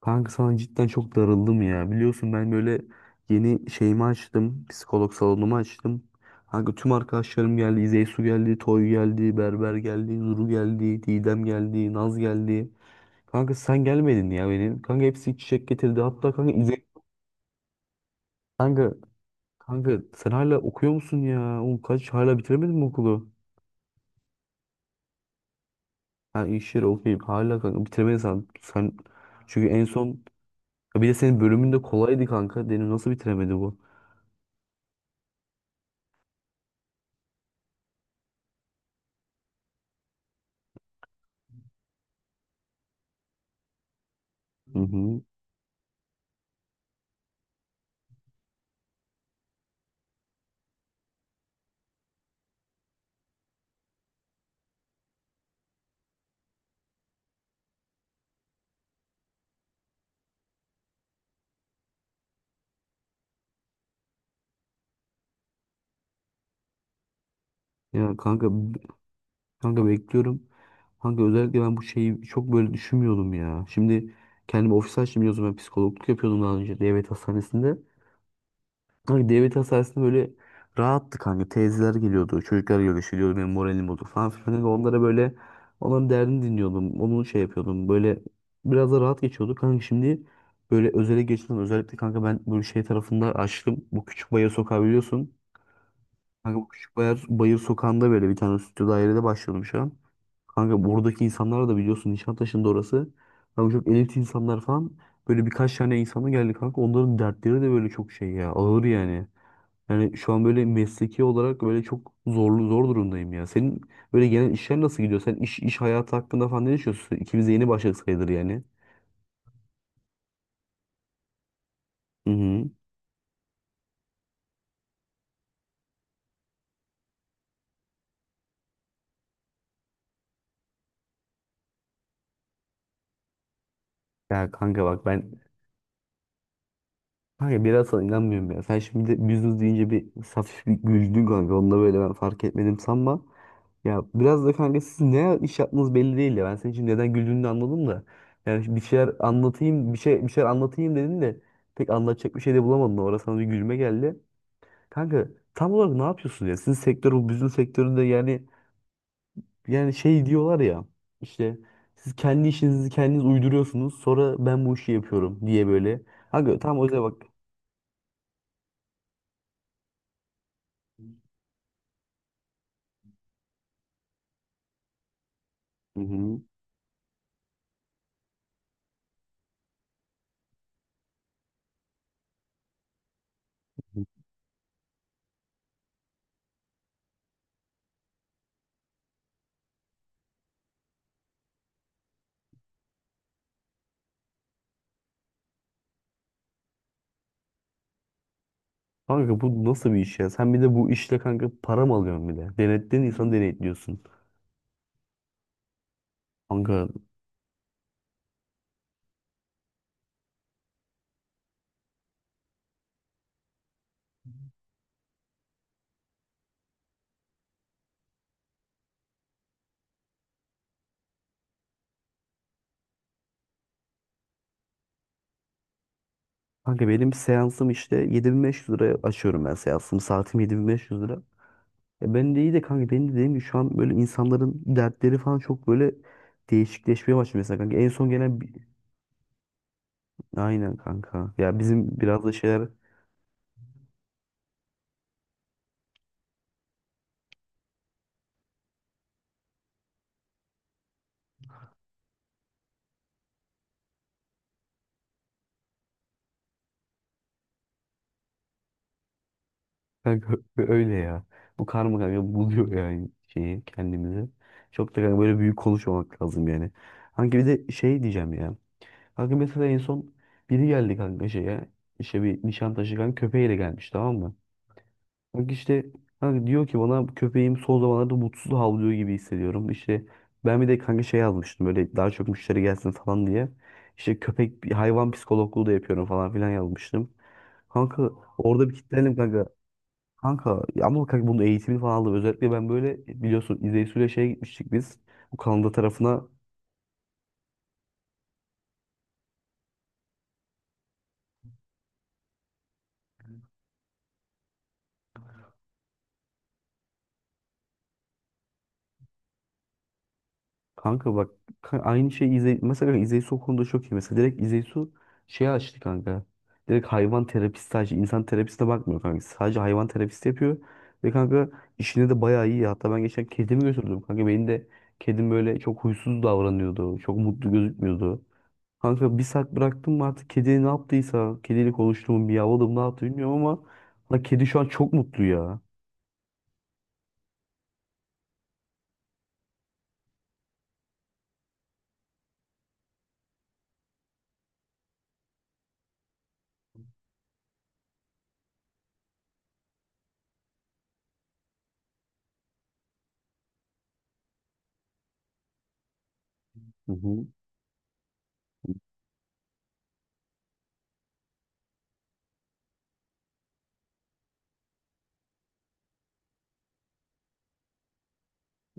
Kanka sana cidden çok darıldım ya. Biliyorsun ben böyle yeni şeyimi açtım. Psikolog salonumu açtım. Kanka tüm arkadaşlarım geldi. İzeysu geldi, Toy geldi, Berber geldi, Nuru geldi, Didem geldi, Naz geldi. Kanka sen gelmedin ya benim. Kanka hepsi çiçek getirdi. Hatta kanka İzey... Kanka, kanka, sen hala okuyor musun ya? Oğlum kaç hala bitiremedin mi okulu? Ha iş yeri okuyayım. Hala kanka bitiremedin sen. Sen çünkü en son... Ya bir de senin bölümün de kolaydı kanka. Benim nasıl bitiremedi bu? Hı hı. Ya kanka bekliyorum. Kanka özellikle ben bu şeyi çok böyle düşünmüyordum ya. Şimdi kendimi ofis açtım, biliyorsun ben psikologluk yapıyordum daha önce devlet hastanesinde. Kanka devlet hastanesinde böyle rahattı kanka. Teyzeler geliyordu, çocuklar görüşüyordu, benim moralim bozuk falan filan. Kanka onlara böyle onların derdini dinliyordum. Onu şey yapıyordum. Böyle biraz da rahat geçiyordu. Kanka şimdi böyle özele geçtim. Özellikle kanka ben böyle şey tarafında açtım. Bu küçük bayır sokağı biliyorsun. Kanka bu küçük bayır, sokağında böyle bir tane stüdyo dairede başladım şu an. Kanka buradaki insanlar da biliyorsun, Nişantaşı'nda orası. Kanka çok elit insanlar falan. Böyle birkaç tane insana geldi kanka. Onların dertleri de böyle çok şey ya. Ağır yani. Yani şu an böyle mesleki olarak böyle çok zorlu zor durumdayım ya. Senin böyle genel işler nasıl gidiyor? Sen iş hayatı hakkında falan ne düşünüyorsun? İkimiz de yeni başladık sayılır yani. Hı hı. Ya kanka bak ben. Kanka biraz sana inanmıyorum ya. Sen şimdi de business deyince bir hafif bir güldün kanka. Onu da böyle ben fark etmedim sanma. Ya biraz da kanka siz ne iş yaptığınız belli değil ya. Ben senin için neden güldüğünü de anladım da. Yani şimdi bir şeyler anlatayım, bir şeyler anlatayım dedin de pek anlatacak bir şey de bulamadın. Orada sana bir gülme geldi. Kanka tam olarak ne yapıyorsun ya? Sizin sektör bu business sektöründe yani şey diyorlar ya. İşte siz kendi işinizi kendiniz uyduruyorsunuz. Sonra ben bu işi yapıyorum diye böyle. Kanka tam o yüzden bak. Hı hı. Kanka bu nasıl bir iş ya? Sen bir de bu işle kanka para mı alıyorsun bir de? Denetleyen insanı denetliyorsun. Kanka, kanka, benim seansım işte 7.500 liraya açıyorum ben seansımı. Saatim 7.500 lira. E ben de iyi de kanka, benim de dediğim gibi şu an böyle insanların dertleri falan çok böyle değişikleşmeye başladı mesela kanka. En son gelen bir... Aynen kanka. Ya bizim biraz da şeyler kanka öyle ya. Bu karma kanka buluyor yani şeyi kendimizi. Çok da kanka böyle büyük konuşmamak lazım yani. Kanka bir de şey diyeceğim ya. Kanka mesela en son biri geldi kanka şeye. İşte bir Nişantaşı kanka köpeğiyle gelmiş, tamam mı? Kanka işte kanka diyor ki bana, köpeğim son zamanlarda mutsuz havlıyor gibi hissediyorum. İşte ben bir de kanka şey yazmıştım böyle daha çok müşteri gelsin falan diye. İşte köpek hayvan psikologluğu da yapıyorum falan filan yazmıştım. Kanka orada bir kitlendim kanka. Kanka ya ama kanka bunun eğitimini falan aldım. Özellikle ben böyle biliyorsun İzeysu'yla şeye gitmiştik biz. Bu Kanada tarafına. Kanka bak aynı şey, İzey mesela, İzeysu o konuda çok iyi. Mesela direkt İzeysu şey açtı kanka. Direkt hayvan terapisti, sadece insan terapistine bakmıyor kanka. Sadece hayvan terapisti yapıyor. Ve kanka işine de bayağı iyi. Hatta ben geçen kedimi götürdüm. Kanka benim de kedim böyle çok huysuz davranıyordu. Çok mutlu gözükmüyordu. Kanka bir saat bıraktım mı artık kedi ne yaptıysa. Kediyle konuştum, miyavladım, ne yaptı bilmiyorum ama lan kedi şu an çok mutlu ya. Hı hı.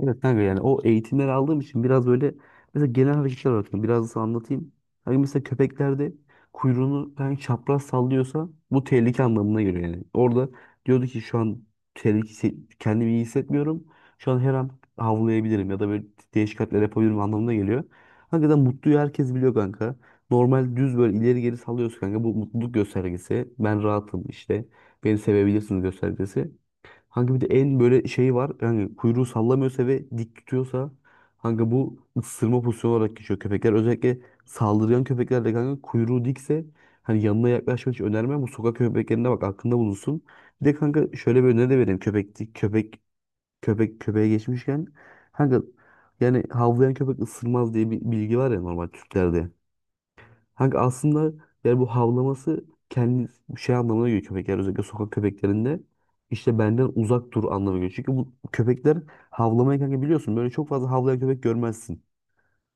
Evet kanka, yani o eğitimleri aldığım için biraz böyle mesela genel hareketler olarak biraz nasıl anlatayım. Hani mesela köpeklerde kuyruğunu ben çapraz sallıyorsa bu tehlike anlamına geliyor yani. Orada diyordu ki şu an tehlike, kendimi iyi hissetmiyorum. Şu an her an havlayabilirim ya da böyle değişik hareketler yapabilirim anlamına geliyor. Hakikaten mutluyu herkes biliyor kanka. Normal düz böyle ileri geri sallıyorsa kanka bu mutluluk göstergesi. Ben rahatım işte. Beni sevebilirsiniz göstergesi. Hangi bir de en böyle şey var. Yani kuyruğu sallamıyorsa ve dik tutuyorsa hangi bu ısırma pozisyonu olarak geçiyor köpekler. Özellikle saldırgan köpeklerde kanka kuyruğu dikse hani yanına yaklaşmak hiç önermem. Bu sokak köpeklerine bak, aklında bulunsun. Bir de kanka şöyle bir öneri de vereyim. Köpek dik- köpek köpeğe geçmişken kanka yani havlayan köpek ısırmaz diye bir bilgi var ya normal Türklerde. Kanka aslında yani bu havlaması kendi şey anlamına geliyor, köpekler özellikle sokak köpeklerinde işte benden uzak dur anlamına geliyor. Çünkü bu köpekler havlamayı kanka biliyorsun böyle çok fazla havlayan köpek görmezsin.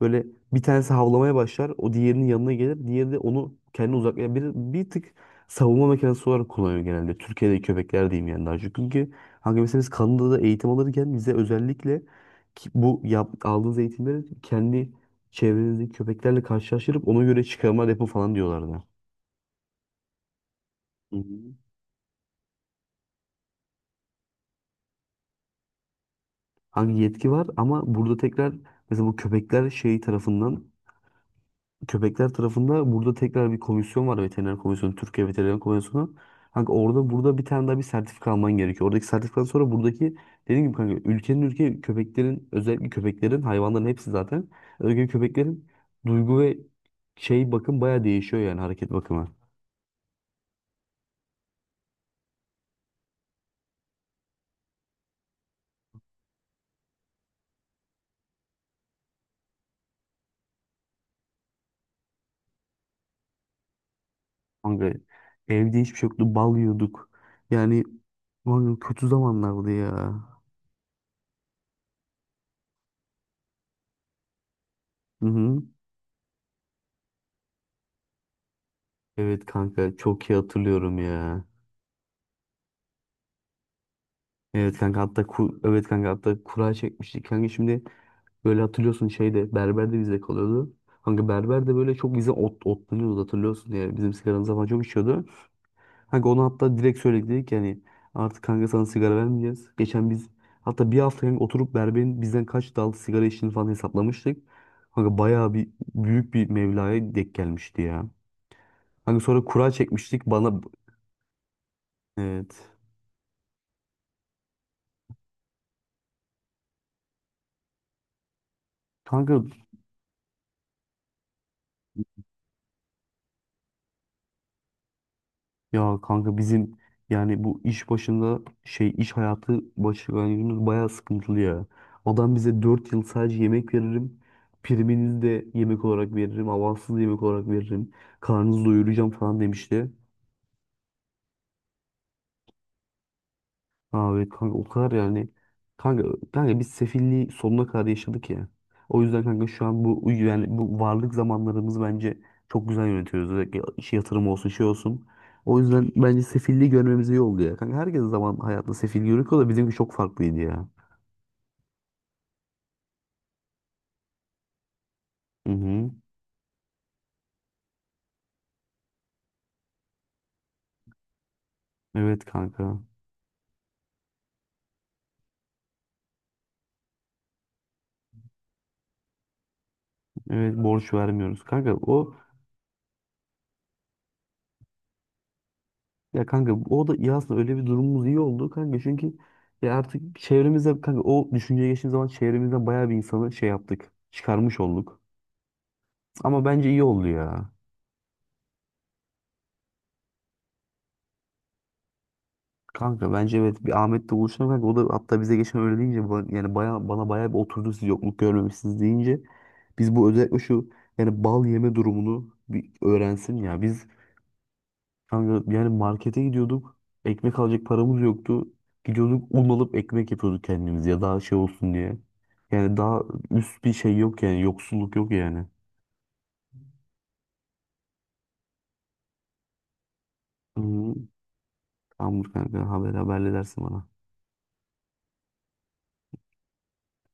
Böyle bir tanesi havlamaya başlar. O diğerinin yanına gelir. Diğeri de onu kendine uzaklayar. Bir, tık savunma mekanizması olarak kullanıyor genelde. Türkiye'deki köpekler diyeyim yani daha çok. Çünkü hangi mesela biz Kanada'da eğitim alırken bize özellikle ki bu yap, aldığınız eğitimleri kendi çevrenizdeki köpeklerle karşılaştırıp ona göre çıkarma depo falan diyorlardı. Hı hı. Hangi yetki var ama burada tekrar mesela bu köpekler şey tarafından, köpekler tarafında burada tekrar bir komisyon var, veteriner komisyonu, Türkiye Veteriner Komisyonu. Kanka orada, burada bir tane daha bir sertifika alman gerekiyor. Oradaki sertifikadan sonra buradaki dediğim gibi kanka ülkenin köpeklerin, özellikle köpeklerin, hayvanların hepsi zaten özellikle köpeklerin duygu ve şey bakım baya değişiyor yani hareket bakımı. Kanka evde hiçbir şey yoktu, bal yiyorduk. Yani kanka kötü zamanlardı ya. Hı hı. Evet kanka çok iyi hatırlıyorum ya. Evet kanka hatta evet kanka hatta kura çekmiştik kanka, şimdi böyle hatırlıyorsun şeyde, berber de bizde kalıyordu. Kanka berber de böyle çok bize otlanıyordu, hatırlıyorsun ya bizim sigaramıza falan çok içiyordu. Kanka onu hatta direkt söyledik, dedik ki yani artık kanka sana sigara vermeyeceğiz. Geçen biz hatta bir hafta kanka oturup berberin bizden kaç dal sigara içtiğini falan hesaplamıştık. Kanka bayağı bir büyük bir mevlaya denk gelmişti ya. Kanka sonra kura çekmiştik bana, evet. Kanka. Ya kanka bizim yani bu iş başında şey, iş hayatı başlangıcımız bayağı sıkıntılı ya. Adam bize 4 yıl sadece yemek veririm. Priminizi de yemek olarak veririm. Avanssız yemek olarak veririm. Karnınızı doyuracağım falan demişti. Abi kanka o kadar yani kanka kanka biz sefilliği sonuna kadar yaşadık ya. O yüzden kanka şu an bu yani bu varlık zamanlarımız bence çok güzel yönetiyoruz. Özellikle iş yatırım olsun, şey olsun. O yüzden bence sefilliği görmemiz iyi oldu ya. Kanka herkes zaman hayatta sefil görüyor da bizimki çok farklıydı ya. Hı hı. Evet kanka. Evet borç vermiyoruz. Kanka o. Ya kanka o da iyi aslında, öyle bir durumumuz iyi oldu kanka çünkü ya artık çevremizde kanka o düşünceye geçtiğim zaman çevremizden bayağı bir insanı şey yaptık, çıkarmış olduk. Ama bence iyi oldu ya. Kanka bence evet bir Ahmet'le buluşalım kanka, o da hatta bize geçen öyle deyince yani baya, bana bayağı bir oturdu siz yokluk görmemişsiniz deyince. Biz bu özellikle şu yani bal yeme durumunu bir öğrensin ya. Biz. Kanka yani markete gidiyorduk. Ekmek alacak paramız yoktu. Gidiyorduk un alıp ekmek yapıyorduk kendimiz ya daha şey olsun diye. Yani daha üst bir şey yok yani, yoksulluk yok yani. Hı, tamamdır kanka, haberle dersin bana.